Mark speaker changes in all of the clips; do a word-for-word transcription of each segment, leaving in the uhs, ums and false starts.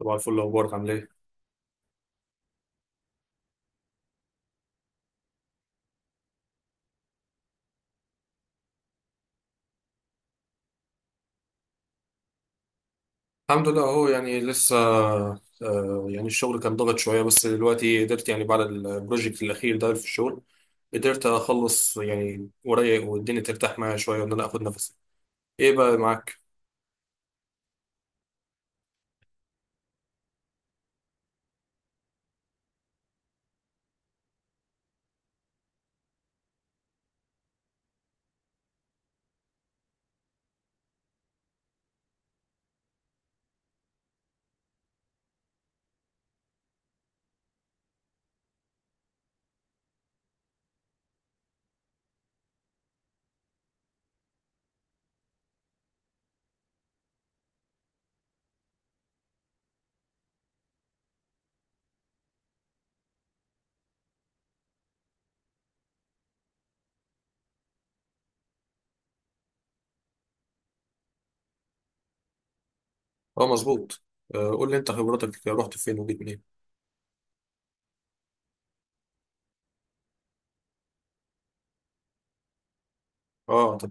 Speaker 1: طبعا الفل. اخبارك عامل ايه؟ الحمد لله اهو، يعني لسه. آه، يعني الشغل كان ضغط شويه، بس دلوقتي قدرت، يعني بعد البروجكت الاخير ده في الشغل قدرت اخلص يعني ورايا، والدنيا ترتاح معايا شويه، وان انا اخد نفسي. ايه بقى معاك؟ اه، مظبوط. آه، قول لي انت، خبرتك رحت فين وجيت منين؟ اه، طب.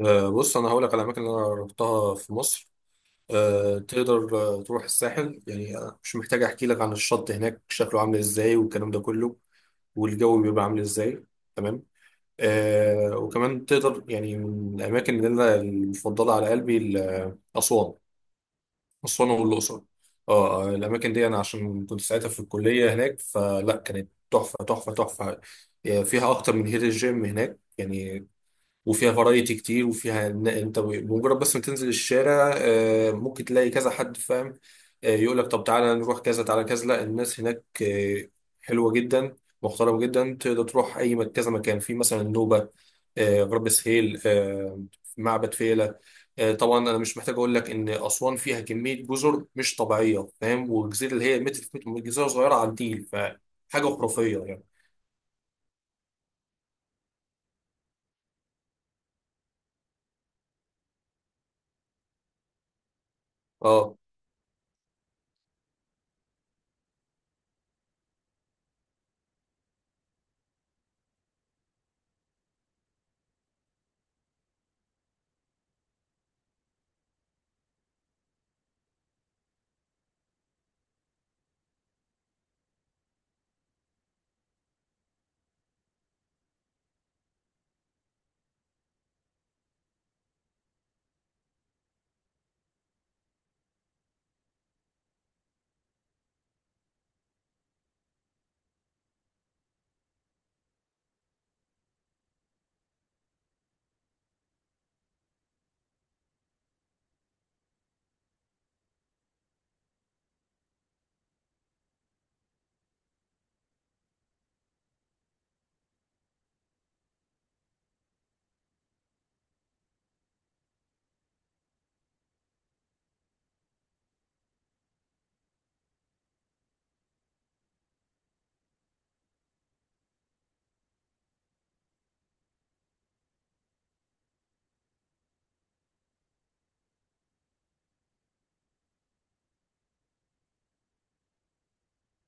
Speaker 1: آه، بص، انا هقول لك على الاماكن اللي انا رحتها في مصر. آه، تقدر آه، تروح الساحل، يعني آه، مش محتاج احكي لك عن الشط هناك شكله عامل ازاي والكلام ده كله، والجو بيبقى عامل ازاي. تمام. آه، وكمان تقدر يعني من الأماكن اللي أنا المفضلة على قلبي، ال- أسوان. أسوان والأقصر. اه، آه، الأماكن دي أنا عشان كنت ساعتها في الكلية هناك، فلا، كانت تحفة تحفة تحفة، يعني فيها أكتر من هيد الجيم هناك يعني، وفيها فرايتي كتير، وفيها إن انت بمجرد بس ما تنزل الشارع آه، ممكن تلاقي كذا حد، فاهم؟ آه، يقول لك طب تعالى نروح كذا، تعالى كذا. لا، الناس هناك آه، حلوة جدا، محترمة جدا. تقدر تروح اي مك- كذا مكان، في مثلا النوبة، آه، غرب سهيل، آه، معبد فيلة. آه، طبعا انا مش محتاج اقول لك ان اسوان فيها كمية جزر مش طبيعية، فاهم؟ والجزيرة اللي هي متر في متر، جزيرة صغيرة على النيل، فحاجة خرافية يعني. اه.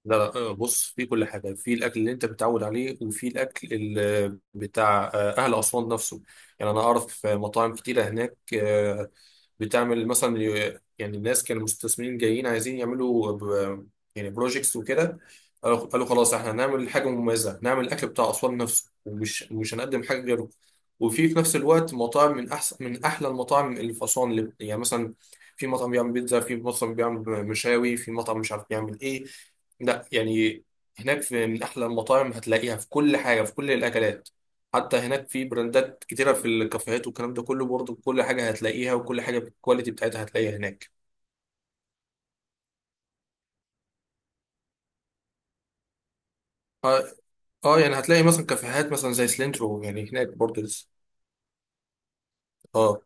Speaker 1: لا لا آه، بص، في كل حاجة، في الأكل اللي أنت متعود عليه، وفي الأكل ال- بتاع آه، أهل أسوان نفسه. يعني أنا أعرف مطاعم كتيرة هناك، آه، بتعمل مثلا، يعني الناس كانوا مستثمرين جايين عايزين يعملوا ب- يعني بروجيكتس وكده. قالوا قالوا خلاص احنا هنعمل حاجه مميزه، هنعمل الاكل بتاع اسوان نفسه، ومش مش هنقدم حاجه غيره. وفي في نفس الوقت مطاعم من احسن، من احلى المطاعم اللي في اسوان، اللي يعني مثلا في مطعم بيعمل بيتزا، في مطعم بيعمل مشاوي، في مطعم مش عارف بيعمل ايه. لا، يعني هناك في من احلى المطاعم، هتلاقيها في كل حاجه، في كل الاكلات. حتى هناك في براندات كتيرة في الكافيهات والكلام ده كله برضه. كل حاجة هتلاقيها، وكل حاجة بالكواليتي بتاعتها هتلاقيها هناك. اه. آه، يعني هتلاقي مثلا كافيهات مثلا زي سلينترو، يعني هناك برضه لسه. اه،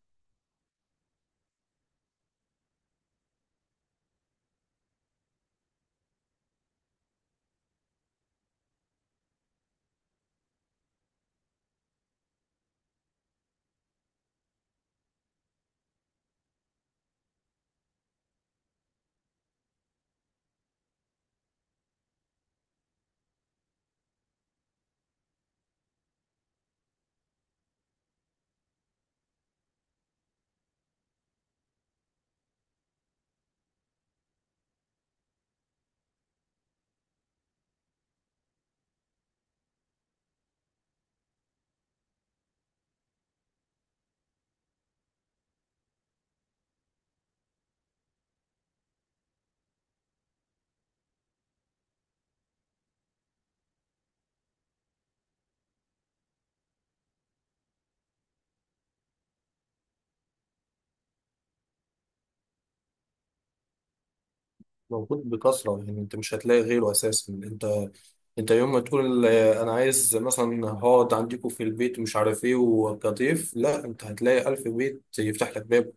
Speaker 1: موجود بكثرة. يعني انت مش هتلاقي غيره اساسا. انت انت يوم ما تقول آه، انا عايز مثلا هقعد عندكم في البيت ومش عارف ايه وكضيف، لا، انت هتلاقي الف بيت يفتح لك باب.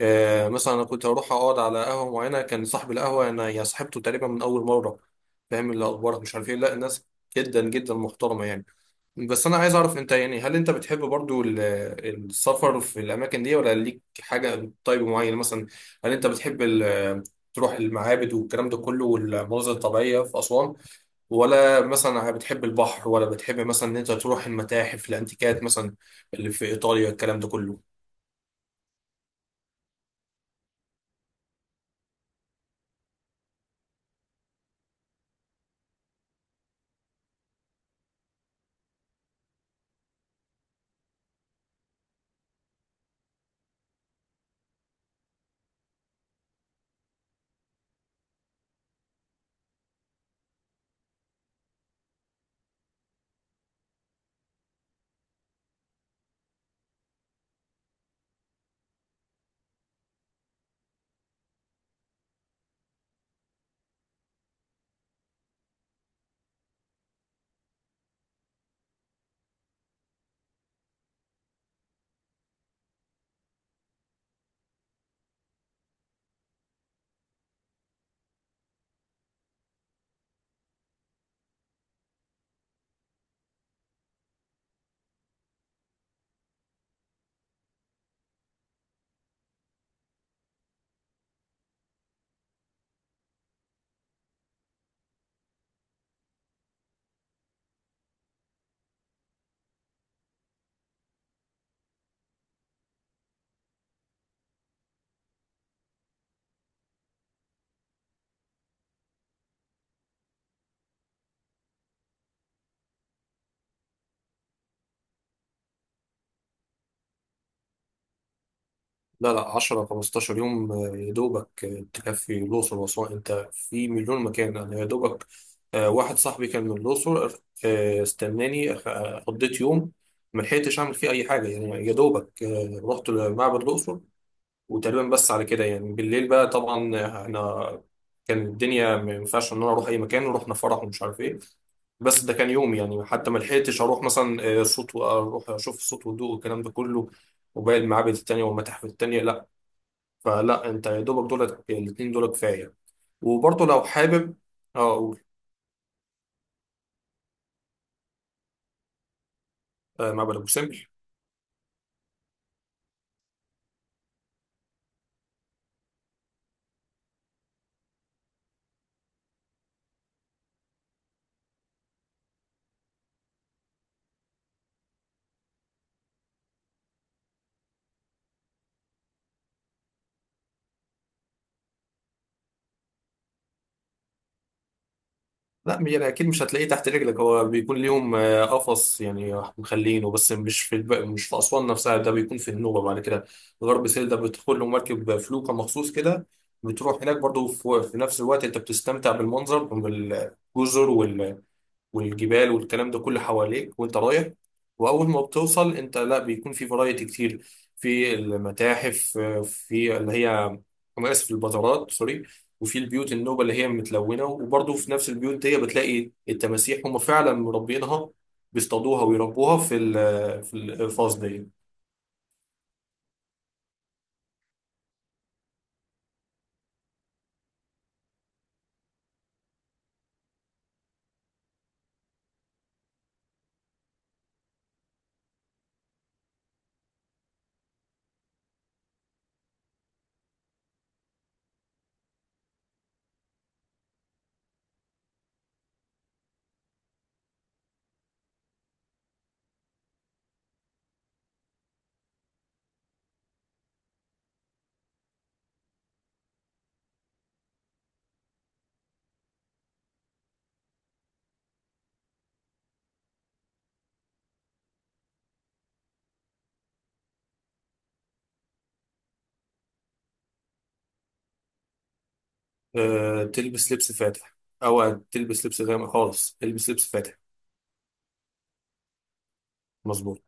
Speaker 1: آه، مثلا انا كنت هروح اقعد على قهوه معينه، كان صاحب القهوه انا يا صاحبته تقريبا من اول مره، فاهم؟ اللي اخبارك مش عارف ايه. لا، الناس جدا جدا محترمه يعني. بس انا عايز اعرف انت، يعني هل انت بتحب برضو ال- السفر في الاماكن دي، ولا ليك حاجه طيب معينه مثلا؟ هل انت بتحب ال- تروح المعابد والكلام ده كله والمناظر الطبيعيه في اسوان، ولا مثلا بتحب البحر، ولا بتحب مثلا ان انت تروح المتاحف، الانتيكات مثلا اللي في ايطاليا، الكلام ده كله؟ لا لا عشرة خمستاشر يوم، آه، يا دوبك آه، تكفي الأقصر وأسوان. أنت في مليون مكان. أنا يا دوبك، آه، واحد صاحبي كان من الأقصر، آه، استناني، آه، قضيت يوم ما لحقتش أعمل فيه أي حاجة، يعني يا دوبك آه، رحت لمعبد الأقصر وتقريبا بس على كده، يعني بالليل بقى طبعا آه، إحنا كان الدنيا ما ينفعش إن أنا أروح أي مكان، ورحنا فرح ومش عارف إيه. بس ده كان يوم، يعني حتى ما لحقتش اروح مثلا آه، صوت، واروح اشوف الصوت والضوء والكلام ده كله وباقي المعابد التانية والمتاحف التانية، لا. فلا، انت يا دوبك دولت الاثنين دول كفايه. وبرضه لو حابب، اه، اقول. آه، معبد ابو سمبل. لا، يعني اكيد مش هتلاقيه تحت رجلك، هو بيكون ليهم آه، قفص يعني مخلينه، بس مش في الب- مش في اسوان نفسها، ده بيكون في النوبه بعد كده، غرب سهيل. ده بتدخل له مركب، فلوكه مخصوص كده، بتروح هناك. برضه في في نفس الوقت انت بتستمتع بالمنظر، بالجزر والجبال والكلام ده كله حواليك وانت رايح. واول ما بتوصل انت، لا، بيكون في فرايتي كتير، في المتاحف، في اللي هي، انا اسف، البازارات، سوري. وفي البيوت النوبه اللي هي متلونه، وبرضه في نفس البيوت دي بتلاقي التماسيح، هم فعلا مربينها، بيصطادوها ويربوها في ال- في الفاز دي. أه، تلبس لبس فاتح. او تلبس لبس غامق؟ خالص تلبس لبس فاتح. مظبوط.